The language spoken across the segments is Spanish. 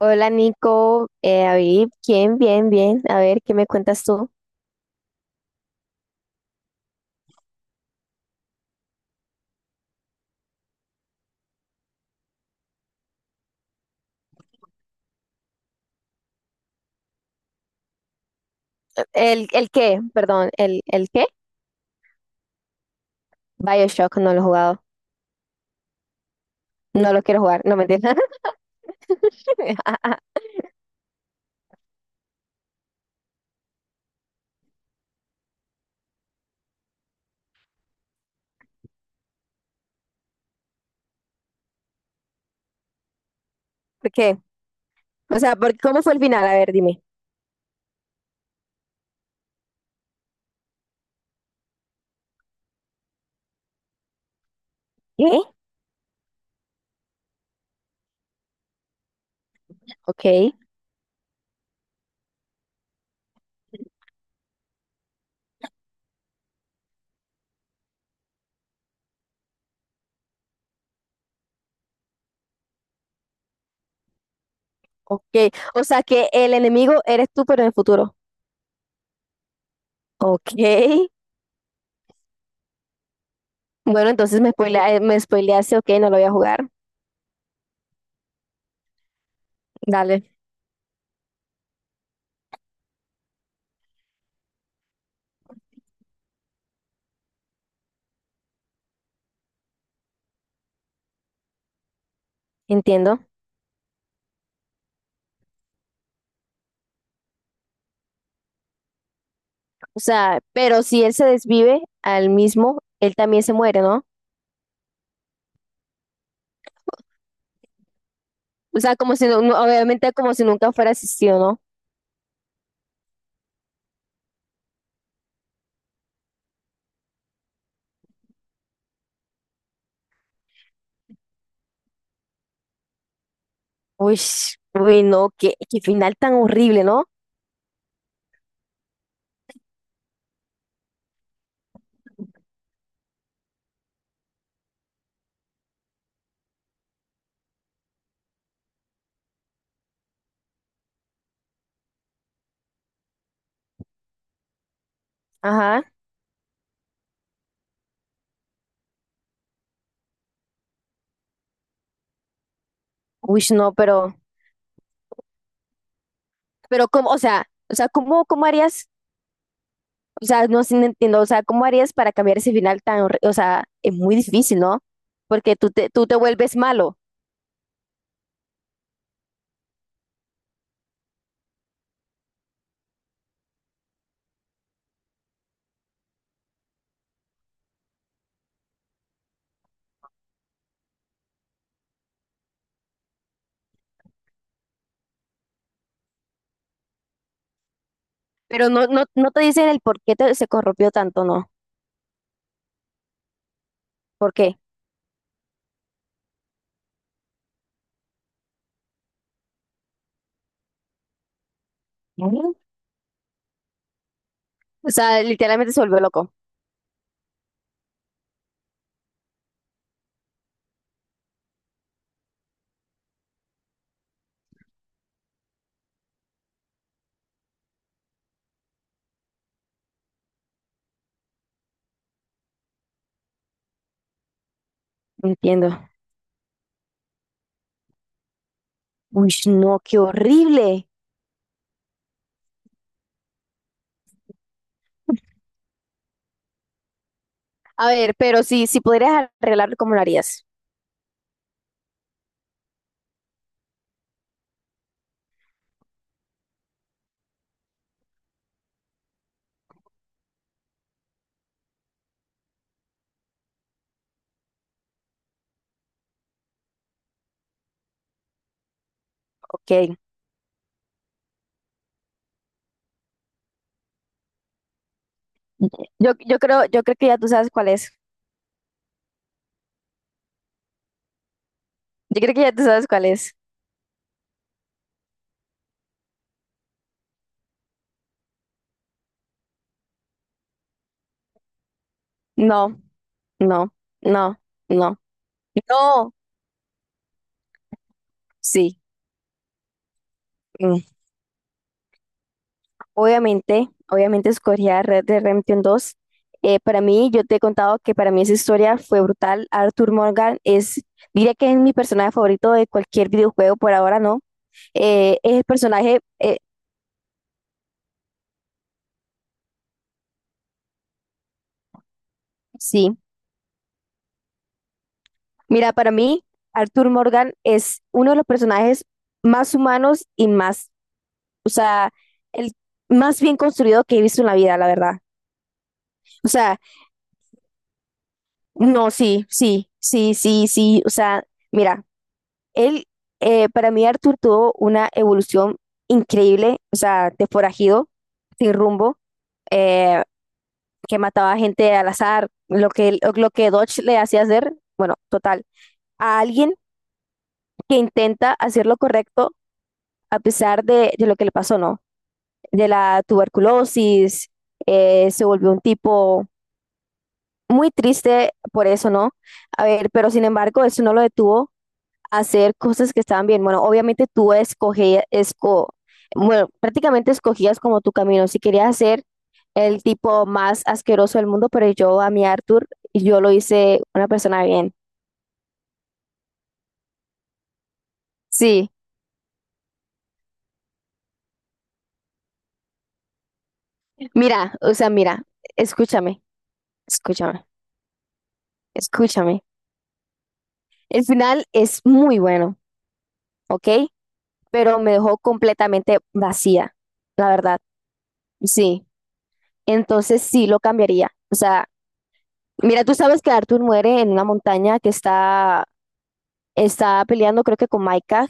Hola Nico, David, ¿quién? Bien, bien. A ver, ¿qué me cuentas tú? ¿El qué? Perdón, ¿el qué? BioShock, no lo he jugado. No lo quiero jugar, no me entiendes. ¿Por qué? O sea, ¿por, cómo fue el final? A ver, dime. ¿Qué? Ok, ok. O sea, que el enemigo eres tú, pero en el futuro. Ok. Bueno, entonces me spoileaste, ok, no lo voy a jugar. Dale, entiendo. O sea, pero si él se desvive al mismo, él también se muere, ¿no? O sea, como si obviamente como si nunca fuera asistido, ¿no? Uy, uy, no, qué, qué final tan horrible, ¿no? Ajá. Uy, no, pero cómo, o sea, ¿cómo, cómo harías? O sea, no, sí, no entiendo, o sea, ¿cómo harías para cambiar ese final tan horrible? O sea, es muy difícil, ¿no? Porque tú te vuelves malo, pero no, no, no te dicen el por qué se corrompió tanto, ¿no? ¿Por qué? Ujú. O sea, literalmente se volvió loco. No entiendo. Uy, no, qué horrible. A ver, pero si, si podrías arreglarlo, ¿cómo lo harías? Ok. Yo creo que ya tú sabes cuál es. Yo creo que ya tú sabes cuál es. No, no, no, no, no. Sí. Mm. Obviamente, obviamente escogía Red Dead Redemption 2. Para mí, yo te he contado que para mí esa historia fue brutal. Arthur Morgan es, diría que es mi personaje favorito de cualquier videojuego, por ahora no. Eh, es el personaje, eh, sí. Mira, para mí, Arthur Morgan es uno de los personajes más humanos y más, o sea, el más bien construido que he visto en la vida, la verdad. O sea, no, sí, sí, sí, sí, sí. O sea, mira, él, para mí Arthur tuvo una evolución increíble, o sea, de forajido, sin rumbo, eh, que mataba gente al azar, lo que Dodge le hacía hacer, bueno, total, a alguien que intenta hacer lo correcto a pesar de lo que le pasó, ¿no? De la tuberculosis, se volvió un tipo muy triste por eso, ¿no? A ver, pero sin embargo, eso no lo detuvo a hacer cosas que estaban bien. Bueno, obviamente tú escogías, esco, bueno, prácticamente escogías como tu camino. Si querías ser el tipo más asqueroso del mundo, pero yo a mi Arthur, yo lo hice una persona bien. Sí, mira, o sea, mira, escúchame, escúchame, escúchame. El final es muy bueno, ¿ok? Pero me dejó completamente vacía, la verdad. Sí. Entonces sí lo cambiaría. O sea, mira, tú sabes que Arthur muere en una montaña que está, está peleando, creo que con Micah.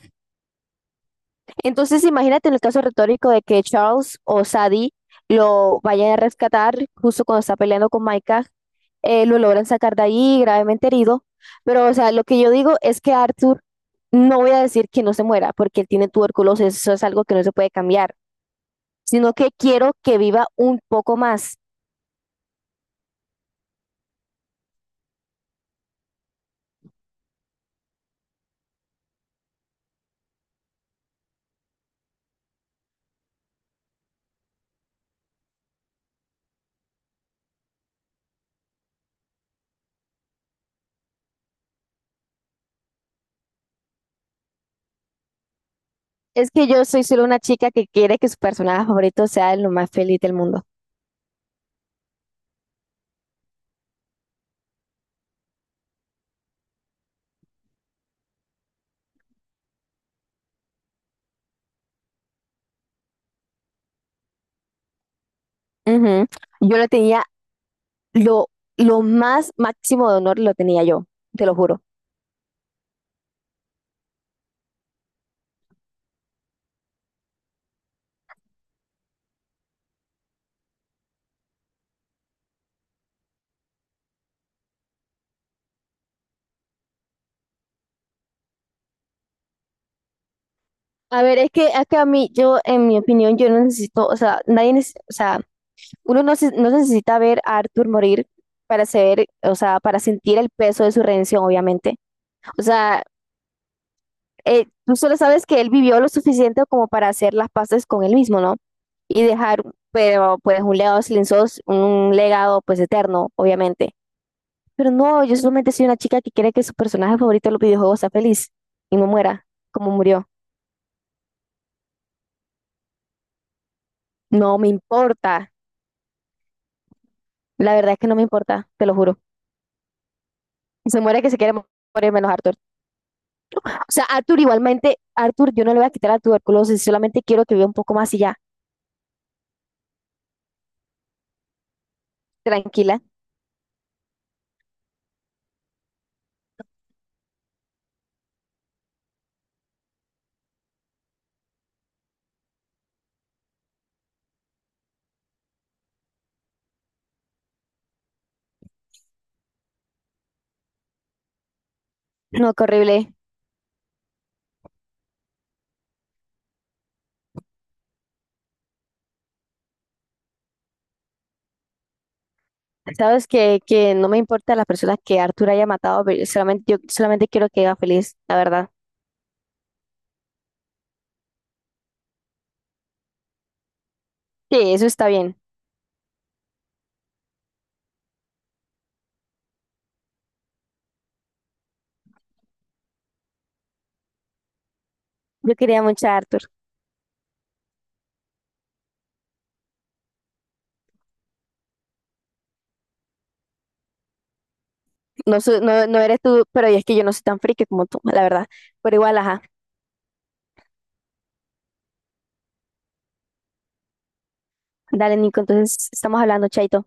Entonces imagínate en el caso retórico de que Charles o Sadie lo vayan a rescatar justo cuando está peleando con Micah, lo logran sacar de ahí gravemente herido. Pero, o sea, lo que yo digo es que Arthur, no voy a decir que no se muera, porque él tiene tuberculosis, eso es algo que no se puede cambiar, sino que quiero que viva un poco más. Es que yo soy solo una chica que quiere que su personaje favorito sea lo más feliz del mundo. Ujú. Yo lo tenía, lo, lo más máximo de honor lo tenía yo, te lo juro. A ver, es que a mí, yo, en mi opinión, yo no necesito, o sea, nadie necesita, uno no necesita ver a Arthur morir para ser, o sea, para sentir el peso de su redención, obviamente. O sea, tú solo sabes que él vivió lo suficiente como para hacer las paces con él mismo, ¿no? Y dejar, pero pues un legado silencioso, un legado pues eterno, obviamente. Pero no, yo solamente soy una chica que quiere que su personaje favorito de los videojuegos sea feliz y no muera como murió. No me importa. La verdad es que no me importa, te lo juro. Se muere que se quiere morir menos Arthur. O sea, Arthur, igualmente, Arthur, yo no le voy a quitar la tuberculosis, solamente quiero que viva un poco más y ya, tranquila. No, qué horrible. Sabes que no me importa las personas que Arthur haya matado, pero solamente, yo solamente quiero que viva feliz, la verdad. Sí, eso está bien. Yo quería mucho a Arthur. No, no eres tú, pero es que yo no soy tan friki como tú, la verdad. Pero igual, ajá. Dale, Nico, entonces estamos hablando, chaito.